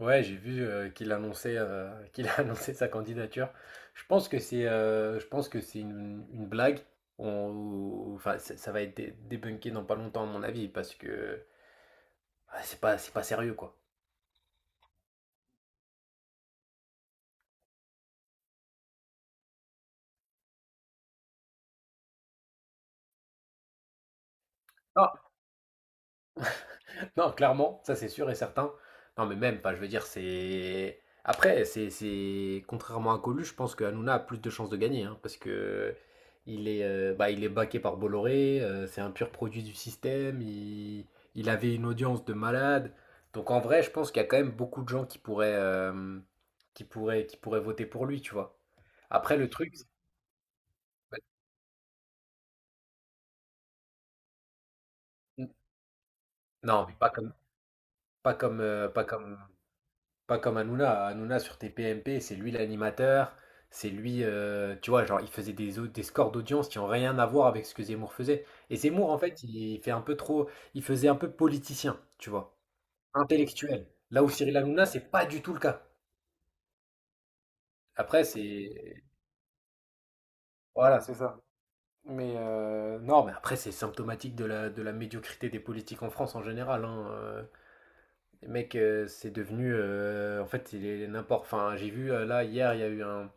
Ouais, j'ai vu qu'il annonçait, qu'il a annoncé sa candidature. Je pense que c'est une blague. Enfin, ça va être débunké dans pas longtemps à mon avis, parce que c'est pas sérieux, quoi. Non, clairement, ça, c'est sûr et certain. Non, mais même, pas, je veux dire, c'est. Après, contrairement à Colu, je pense que Hanouna a plus de chances de gagner, hein, parce que il est baqué par Bolloré, c'est un pur produit du système, il avait une audience de malade. Donc, en vrai, je pense qu'il y a quand même beaucoup de gens qui pourraient, qui pourraient voter pour lui, tu vois. Après, le truc, non, mais pas comme, pas comme, pas comme Pas comme Hanouna. Hanouna sur TPMP, c'est lui l'animateur, c'est lui, tu vois, genre il faisait des scores d'audience qui ont rien à voir avec ce que Zemmour faisait. Et Zemmour, en fait, il fait un peu trop, il faisait un peu politicien, tu vois, intellectuel. Là où Cyril Hanouna, c'est pas du tout le cas. Après, c'est, voilà, c'est ça. Mais non, mais après, c'est symptomatique de de la médiocrité des politiques en France en général, hein. Les mecs, c'est devenu, en fait, il est n'importe. Enfin, j'ai vu là hier, il y a eu un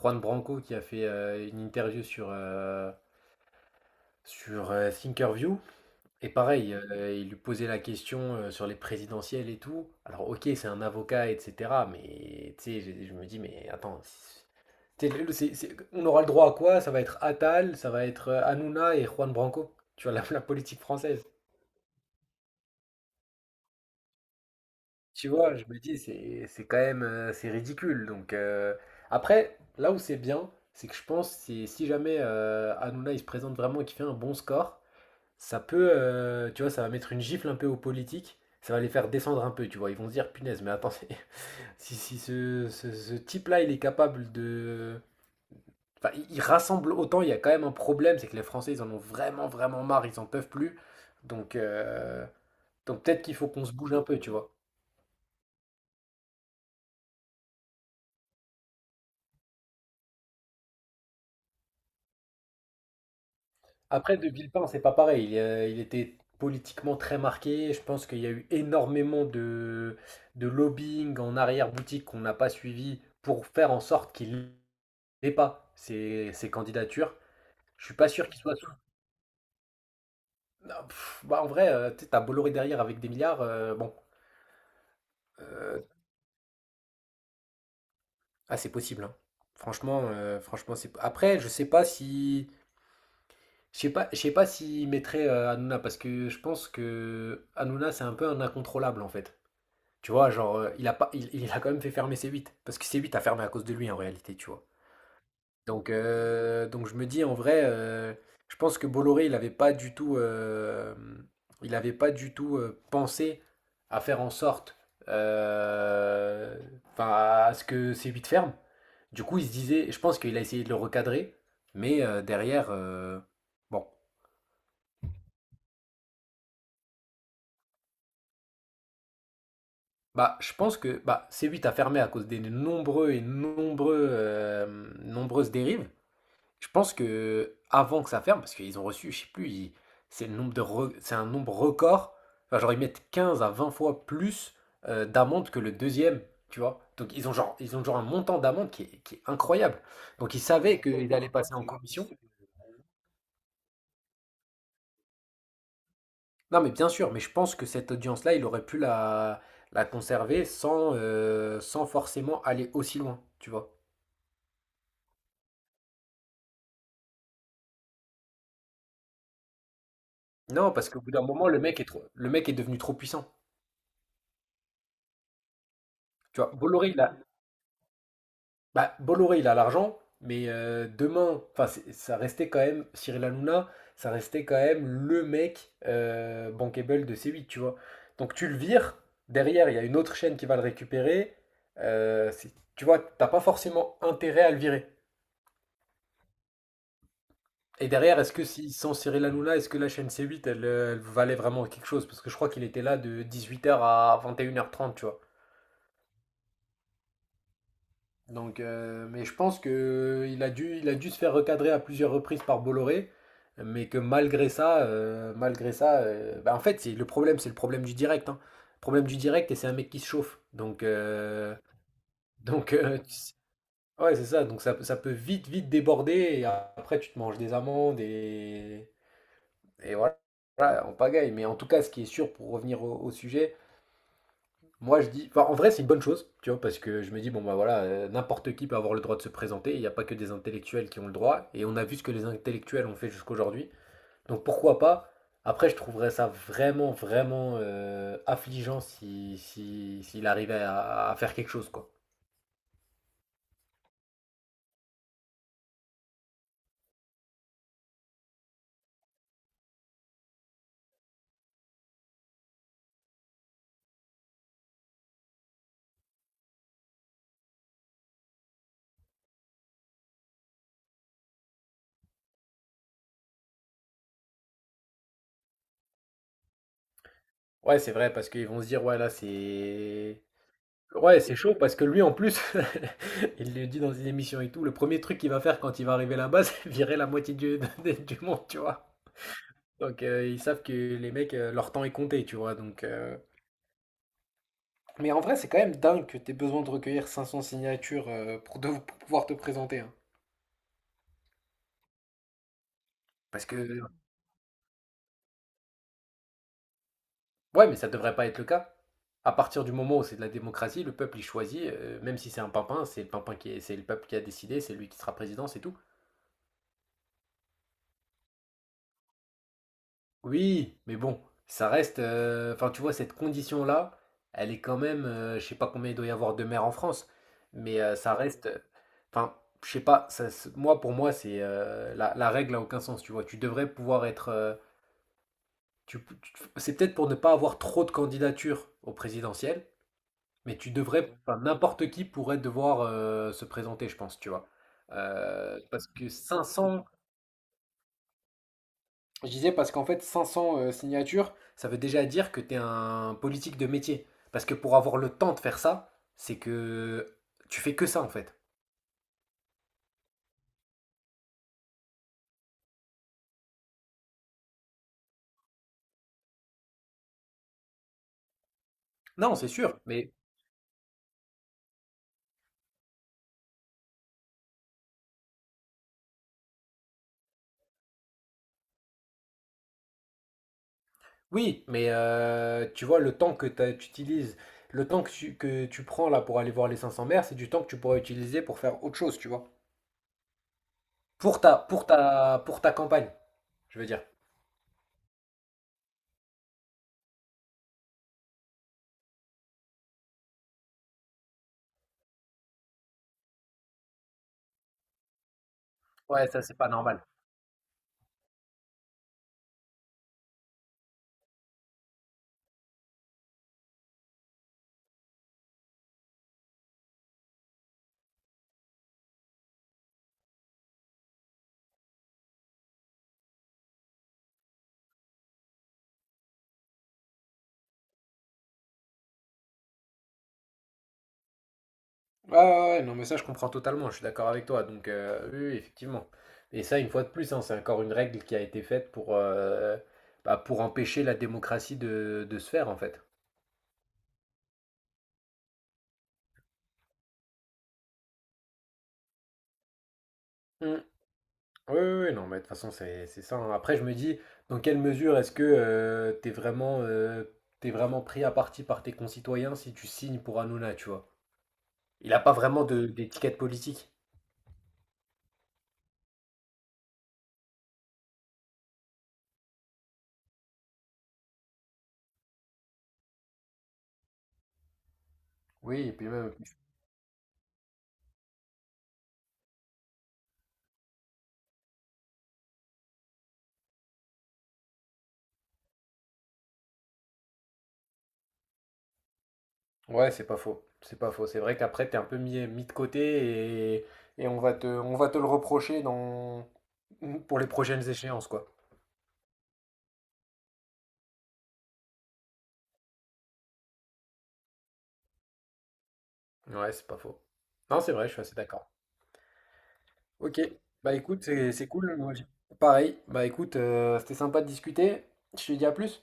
Juan Branco qui a fait une interview sur Thinkerview. Et pareil, il lui posait la question sur les présidentielles et tout. Alors, ok, c'est un avocat, etc. Mais tu sais, je me dis, mais attends, tu sais, on aura le droit à quoi? Ça va être Attal, ça va être Hanouna et Juan Branco. Tu vois, la politique française. Tu vois, je me dis, c'est quand même c'est ridicule. Donc, après, là où c'est bien, c'est que je pense, c'est si jamais Hanouna, il se présente vraiment et qu'il fait un bon score, ça peut, tu vois, ça va mettre une gifle un peu aux politiques, ça va les faire descendre un peu, tu vois. Ils vont se dire, punaise, mais attendez, si ce type-là, il est capable de. Enfin, il rassemble autant, il y a quand même un problème, c'est que les Français, ils en ont vraiment, vraiment marre, ils en peuvent plus. Donc, peut-être qu'il faut qu'on se bouge un peu, tu vois. Après, De Villepin, c'est pas pareil. Il était politiquement très marqué. Je pense qu'il y a eu énormément de lobbying en arrière-boutique qu'on n'a pas suivi pour faire en sorte qu'il. Et pas, ces candidatures. Je suis pas sûr qu'ils soient sous. Non, pff, bah, en vrai, tu sais, tu Bolloré derrière avec des milliards, bon, heu, c'est possible, hein. Franchement, c'est après, je sais pas si je sais pas je sais pas s'ils mettraient, Hanouna, parce que je pense que qu'Hanouna, c'est un peu un incontrôlable, en fait. Tu vois? Genre, il a pas il il a quand même fait fermer C8 parce que C8 a fermé à cause de lui, en réalité, tu vois? Donc, je me dis en vrai, je pense que Bolloré, il n'avait pas du tout, pensé à faire en sorte, euh, enfin, à ce que ces huit ferment. Du coup, il se disait, je pense qu'il a essayé de le recadrer, mais derrière, bon, bah, je pense que bah, C8 a fermé à cause des nombreuses dérives. Je pense que avant que ça ferme, parce qu'ils ont reçu, je sais plus, c'est le nombre de re- c'est un nombre record. Enfin, genre ils mettent 15 à 20 fois plus d'amende que le deuxième, tu vois. Donc ils ont genre un montant d'amende qui est incroyable. Donc ils savaient qu'ils allaient passer en commission. Non, mais bien sûr, mais je pense que cette audience-là, il aurait pu la conserver sans forcément aller aussi loin, tu vois. Non, parce qu'au bout d'un moment, le mec est devenu trop puissant. Tu vois, Bolloré, il a. Bah, Bolloré, il a l'argent, mais demain, enfin, ça restait quand même Cyril Hanouna, ça restait quand même le mec bankable de C8, tu vois. Donc, tu le vires, derrière, il y a une autre chaîne qui va le récupérer. Tu vois, t'as pas forcément intérêt à le virer. Et derrière, est-ce que, si, sans Cyril Hanouna, est-ce que la chaîne C8, elle valait vraiment quelque chose? Parce que je crois qu'il était là de 18h à 21h30, tu vois. Donc, mais je pense que il a dû se faire recadrer à plusieurs reprises par Bolloré, mais que malgré ça, bah, en fait, c'est le problème du direct, hein. Problème du direct et c'est un mec qui se chauffe. Donc, euh, ouais, c'est ça. Donc, ça peut vite, vite déborder et après tu te manges des amendes et voilà, voilà, on pagaille. Mais en tout cas, ce qui est sûr pour revenir au sujet, moi, je dis, enfin, en vrai, c'est une bonne chose, tu vois, parce que je me dis, bon, bah, voilà, n'importe qui peut avoir le droit de se présenter, il n'y a pas que des intellectuels qui ont le droit, et on a vu ce que les intellectuels ont fait jusqu'aujourd'hui, donc pourquoi pas? Après, je trouverais ça vraiment, vraiment affligeant si, si, s'il arrivait à faire quelque chose, quoi. Ouais, c'est vrai, parce qu'ils vont se dire, ouais, là, c'est. Ouais, c'est chaud, parce que lui, en plus, il le dit dans une émission et tout, le premier truc qu'il va faire quand il va arriver là-bas, c'est virer la moitié du, du monde, tu vois. Donc, ils savent que les mecs, leur temps est compté, tu vois. Mais en vrai, c'est quand même dingue que t'aies besoin de recueillir 500 signatures pour, pour pouvoir te présenter, hein. Parce que. Ouais, mais ça devrait pas être le cas. À partir du moment où c'est de la démocratie, le peuple, il choisit, même si c'est un pimpin, c'est le peuple qui a décidé, c'est lui qui sera président, c'est tout. Oui, mais bon, ça reste. Enfin, tu vois, cette condition-là, elle est quand même. Je sais pas combien il doit y avoir de maires en France, mais ça reste. Enfin, je sais pas. Moi, pour moi, c'est la règle n'a aucun sens. Tu vois, tu devrais pouvoir être. C'est peut-être pour ne pas avoir trop de candidatures au présidentiel, mais tu devrais. Enfin, n'importe qui pourrait devoir se présenter, je pense. Tu vois. Parce que 500. Je disais, parce qu'en fait, 500 signatures, ça veut déjà dire que tu es un politique de métier. Parce que pour avoir le temps de faire ça, c'est que tu fais que ça, en fait. Non, c'est sûr, mais oui, mais tu vois, le temps que tu utilises, le temps que tu prends là pour aller voir les 500 maires, c'est du temps que tu pourrais utiliser pour faire autre chose, tu vois. Pour ta campagne, je veux dire. Ouais, ça, c'est pas normal. Ouais, ouais, ouais, non, mais ça, je comprends totalement, je suis d'accord avec toi. Donc, oui, oui, effectivement. Et ça, une fois de plus, hein, c'est encore une règle qui a été faite pour, pour empêcher la démocratie de se faire, en fait. Mm. Oui, oui, oui, non, mais de toute façon, c'est ça, hein. Après, je me dis, dans quelle mesure est-ce que t'es vraiment pris à partie par tes concitoyens si tu signes pour Hanouna, tu vois? Il n'a pas vraiment d'étiquette politique. Oui, et puis même. Ouais, c'est pas faux. C'est pas faux. C'est vrai qu'après, t'es un peu mis, de côté, et on va te le reprocher pour les prochaines échéances, quoi. Ouais, c'est pas faux. Non, c'est vrai, je suis assez d'accord. Ok. Bah, écoute, c'est cool. Pareil. Bah, écoute, c'était sympa de discuter. Je te dis à plus.